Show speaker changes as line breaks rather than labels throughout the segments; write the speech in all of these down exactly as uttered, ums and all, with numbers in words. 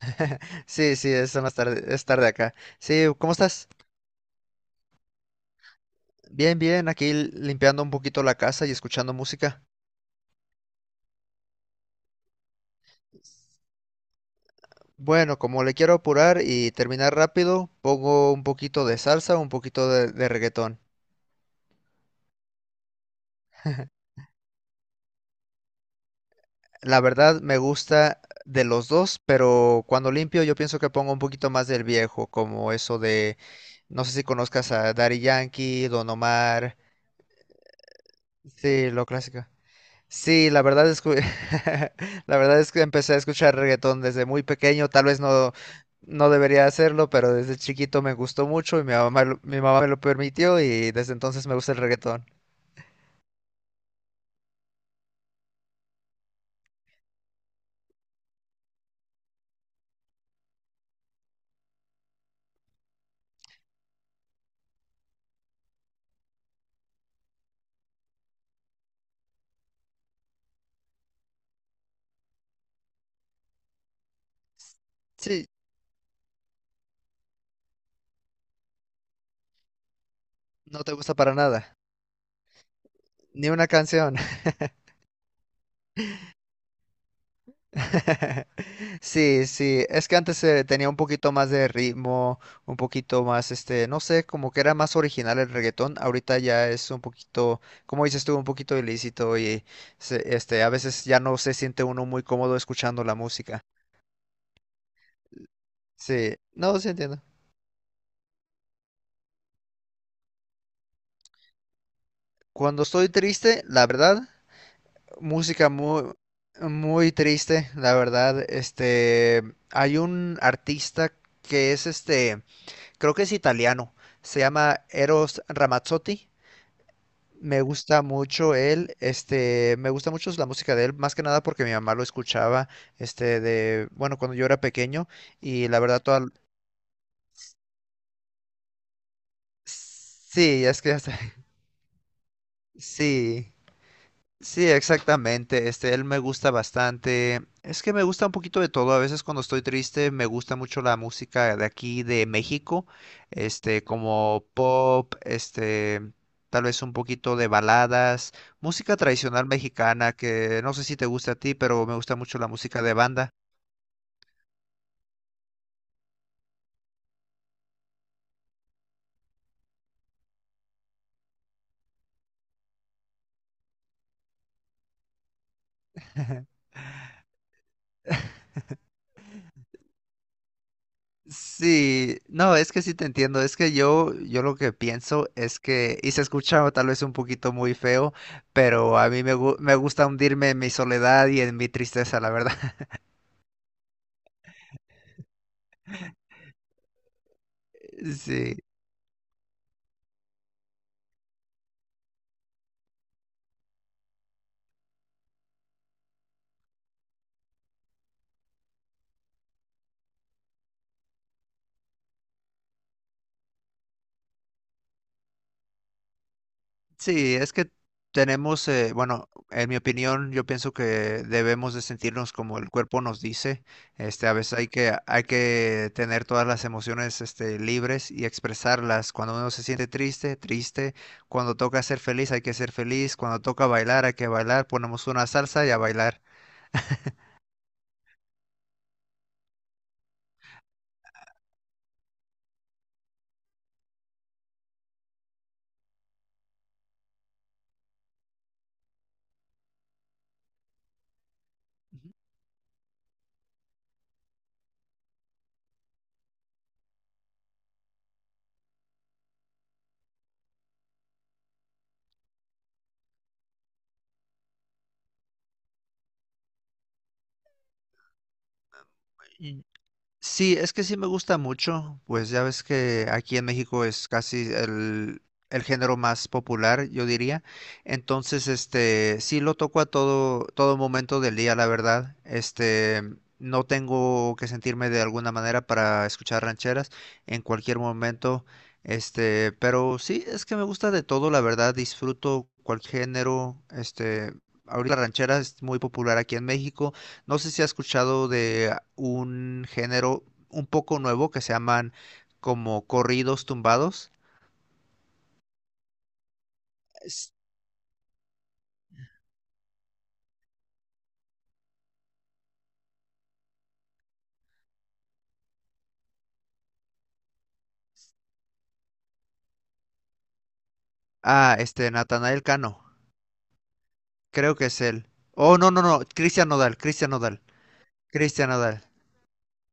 Sí, sí, es más tarde, es tarde acá. Sí, ¿cómo estás? Bien, bien, aquí limpiando un poquito la casa y escuchando música. Bueno, como le quiero apurar y terminar rápido, pongo un poquito de salsa, un poquito de, de reggaetón. La verdad me gusta de los dos, pero cuando limpio yo pienso que pongo un poquito más del viejo, como eso de, no sé si conozcas a Daddy Yankee, Don Omar, sí, lo clásico. Sí, la verdad es que la verdad es que empecé a escuchar reggaetón desde muy pequeño, tal vez no no debería hacerlo, pero desde chiquito me gustó mucho y mi mamá lo- mi mamá me lo permitió y desde entonces me gusta el reggaetón. Sí, no te gusta para nada, ni una canción. Sí, sí, es que antes eh, tenía un poquito más de ritmo, un poquito más, este, no sé, como que era más original el reggaetón, ahorita ya es un poquito, como dices tú, un poquito ilícito y se- este, a veces ya no se siente uno muy cómodo escuchando la música. Sí, no, sí entiendo. Cuando estoy triste, la verdad, música muy, muy triste, la verdad, este, hay un artista que es este creo que es italiano. Se llama Eros Ramazzotti. Me gusta mucho él, este, me gusta mucho la música de él, más que nada porque mi mamá lo escuchaba, este, de, bueno, cuando yo era pequeño y la verdad toda, sí, es que hasta, sí. Sí, exactamente. Este, él me gusta bastante. Es que me gusta un poquito de todo. A veces cuando estoy triste me gusta mucho la música de aquí de México, este, como pop, este, tal vez un poquito de baladas, música tradicional mexicana que no sé si te gusta a ti, pero me gusta mucho la música de banda. Sí, no, es que sí te entiendo, es que yo, yo lo que pienso es que, y se escucha tal vez un poquito muy feo, pero a mí me, gu- me gusta hundirme en mi soledad y en mi tristeza, la verdad. Sí. Sí, es que tenemos, eh, bueno, en mi opinión, yo pienso que debemos de sentirnos como el cuerpo nos dice. Este, a veces hay que, hay que tener todas las emociones, este, libres y expresarlas. Cuando uno se siente triste, triste. Cuando toca ser feliz, hay que ser feliz. Cuando toca bailar, hay que bailar. Ponemos una salsa y a bailar. Sí, es que sí me gusta mucho, pues ya ves que aquí en México es casi el, el género más popular, yo diría. Entonces, este, sí lo toco a todo, todo momento del día, la verdad. Este, no tengo que sentirme de alguna manera para escuchar rancheras en cualquier momento. Este, pero sí, es que me gusta de todo, la verdad. Disfruto cualquier género. Este, ahorita la ranchera es muy popular aquí en México. No sé si has escuchado de un género un poco nuevo que se llaman como corridos tumbados. Es- Ah, este, Natanael Cano. Creo que es él. Oh, no, no, no. Cristian Nodal, Cristian Nodal. Cristian Nodal.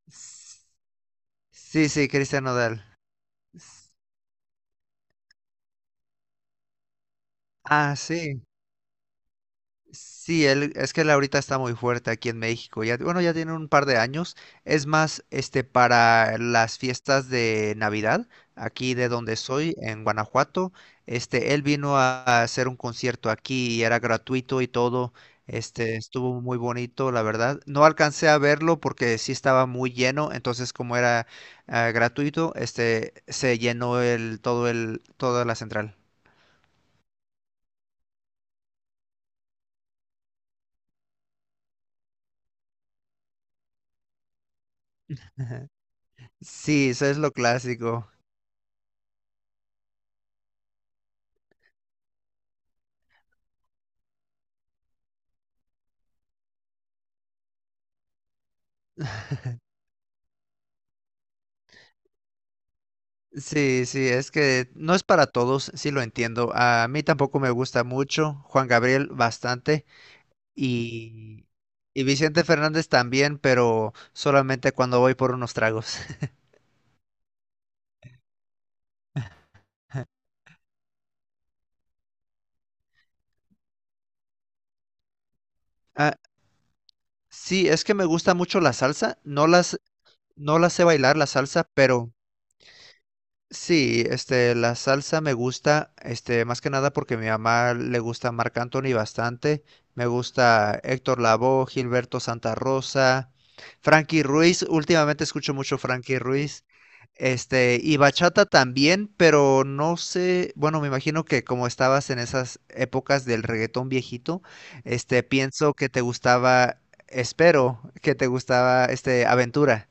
S- Sí, sí, Cristian Nodal. S- Ah, sí. Sí, él, es que él ahorita está muy fuerte aquí en México. Ya, bueno, ya tiene un par de años. Es más, este, para las fiestas de Navidad, aquí de donde soy, en Guanajuato, este, él vino a, a hacer un concierto aquí y era gratuito y todo. Este, estuvo muy bonito, la verdad. No alcancé a verlo porque sí estaba muy lleno, entonces como era ah, gratuito, este, se llenó el, todo el, toda la central. Sí, eso es lo clásico. Sí, sí, es que no es para todos, sí lo entiendo. A mí tampoco me gusta mucho, Juan Gabriel bastante y, y Vicente Fernández también, pero solamente cuando voy por unos tragos. Ah, sí, es que me gusta mucho la salsa, no las, no la sé bailar la salsa, pero sí, este, la salsa me gusta, este, más que nada porque a mi mamá le gusta Marc Anthony bastante. Me gusta Héctor Lavoe, Gilberto Santa Rosa, Frankie Ruiz. Últimamente escucho mucho Frankie Ruiz. Este, y bachata también, pero no sé, bueno, me imagino que como estabas en esas épocas del reggaetón viejito, este, pienso que te gustaba, espero que te gustaba, este, Aventura.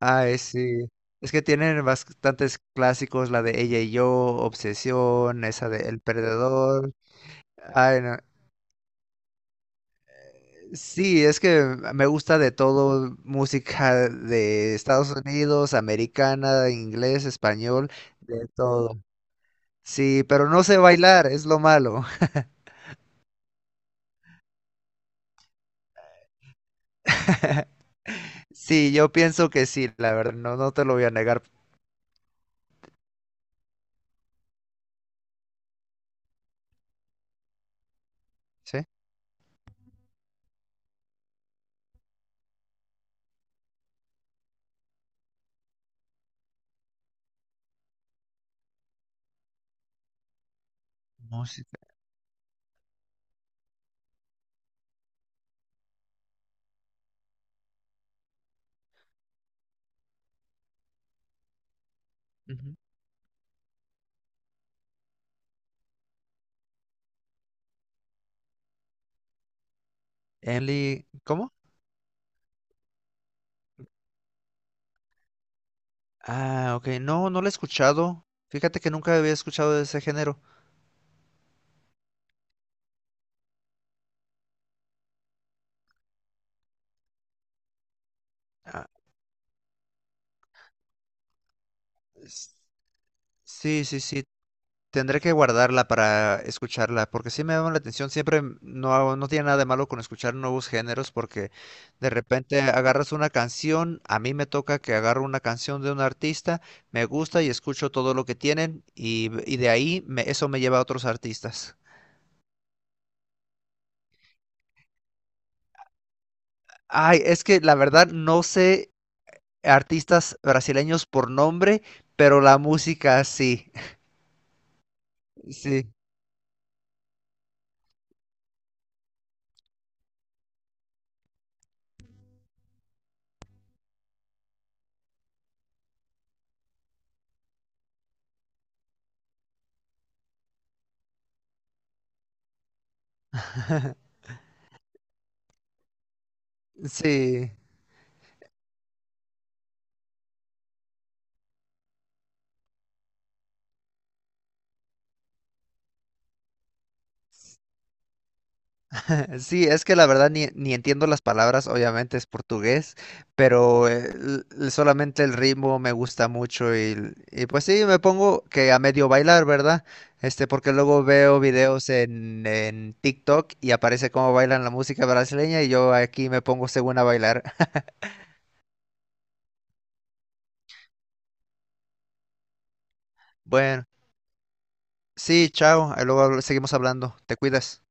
Ay, sí. Es que tienen bastantes clásicos, la de Ella y yo, Obsesión, esa de El Perdedor. Ay, no. Sí, es que me gusta de todo, música de Estados Unidos, americana, inglés, español, de todo. Sí, pero no sé bailar, es lo malo. Sí, yo pienso que sí, la verdad, no, no te lo voy a negar. ¿Sí? Música. Ujú. Enli- ¿cómo? Ah, ok. No, no lo he escuchado. Fíjate que nunca había escuchado de ese género. Ah, s- sí, sí, sí. Tendré que guardarla para escucharla, porque sí me llama la atención. Siempre m- no, no tiene nada de malo con escuchar nuevos géneros, porque de repente agarras una canción. A mí me toca que agarro una canción de un artista, me gusta y escucho todo lo que tienen, y, y de ahí me- eso me lleva a otros artistas. Ay, es que la verdad no sé artistas brasileños por nombre, pero la música sí, sí, sí, sí, es que la verdad ni, ni entiendo las palabras, obviamente es portugués, pero eh, l- l- solamente el ritmo me gusta mucho y, l- y pues sí, me pongo que a medio bailar, ¿verdad? Este, porque luego veo videos en, en TikTok y aparece cómo bailan la música brasileña y yo aquí me pongo según a bailar. Bueno, sí, chao, ahí luego habl- seguimos hablando, te cuidas.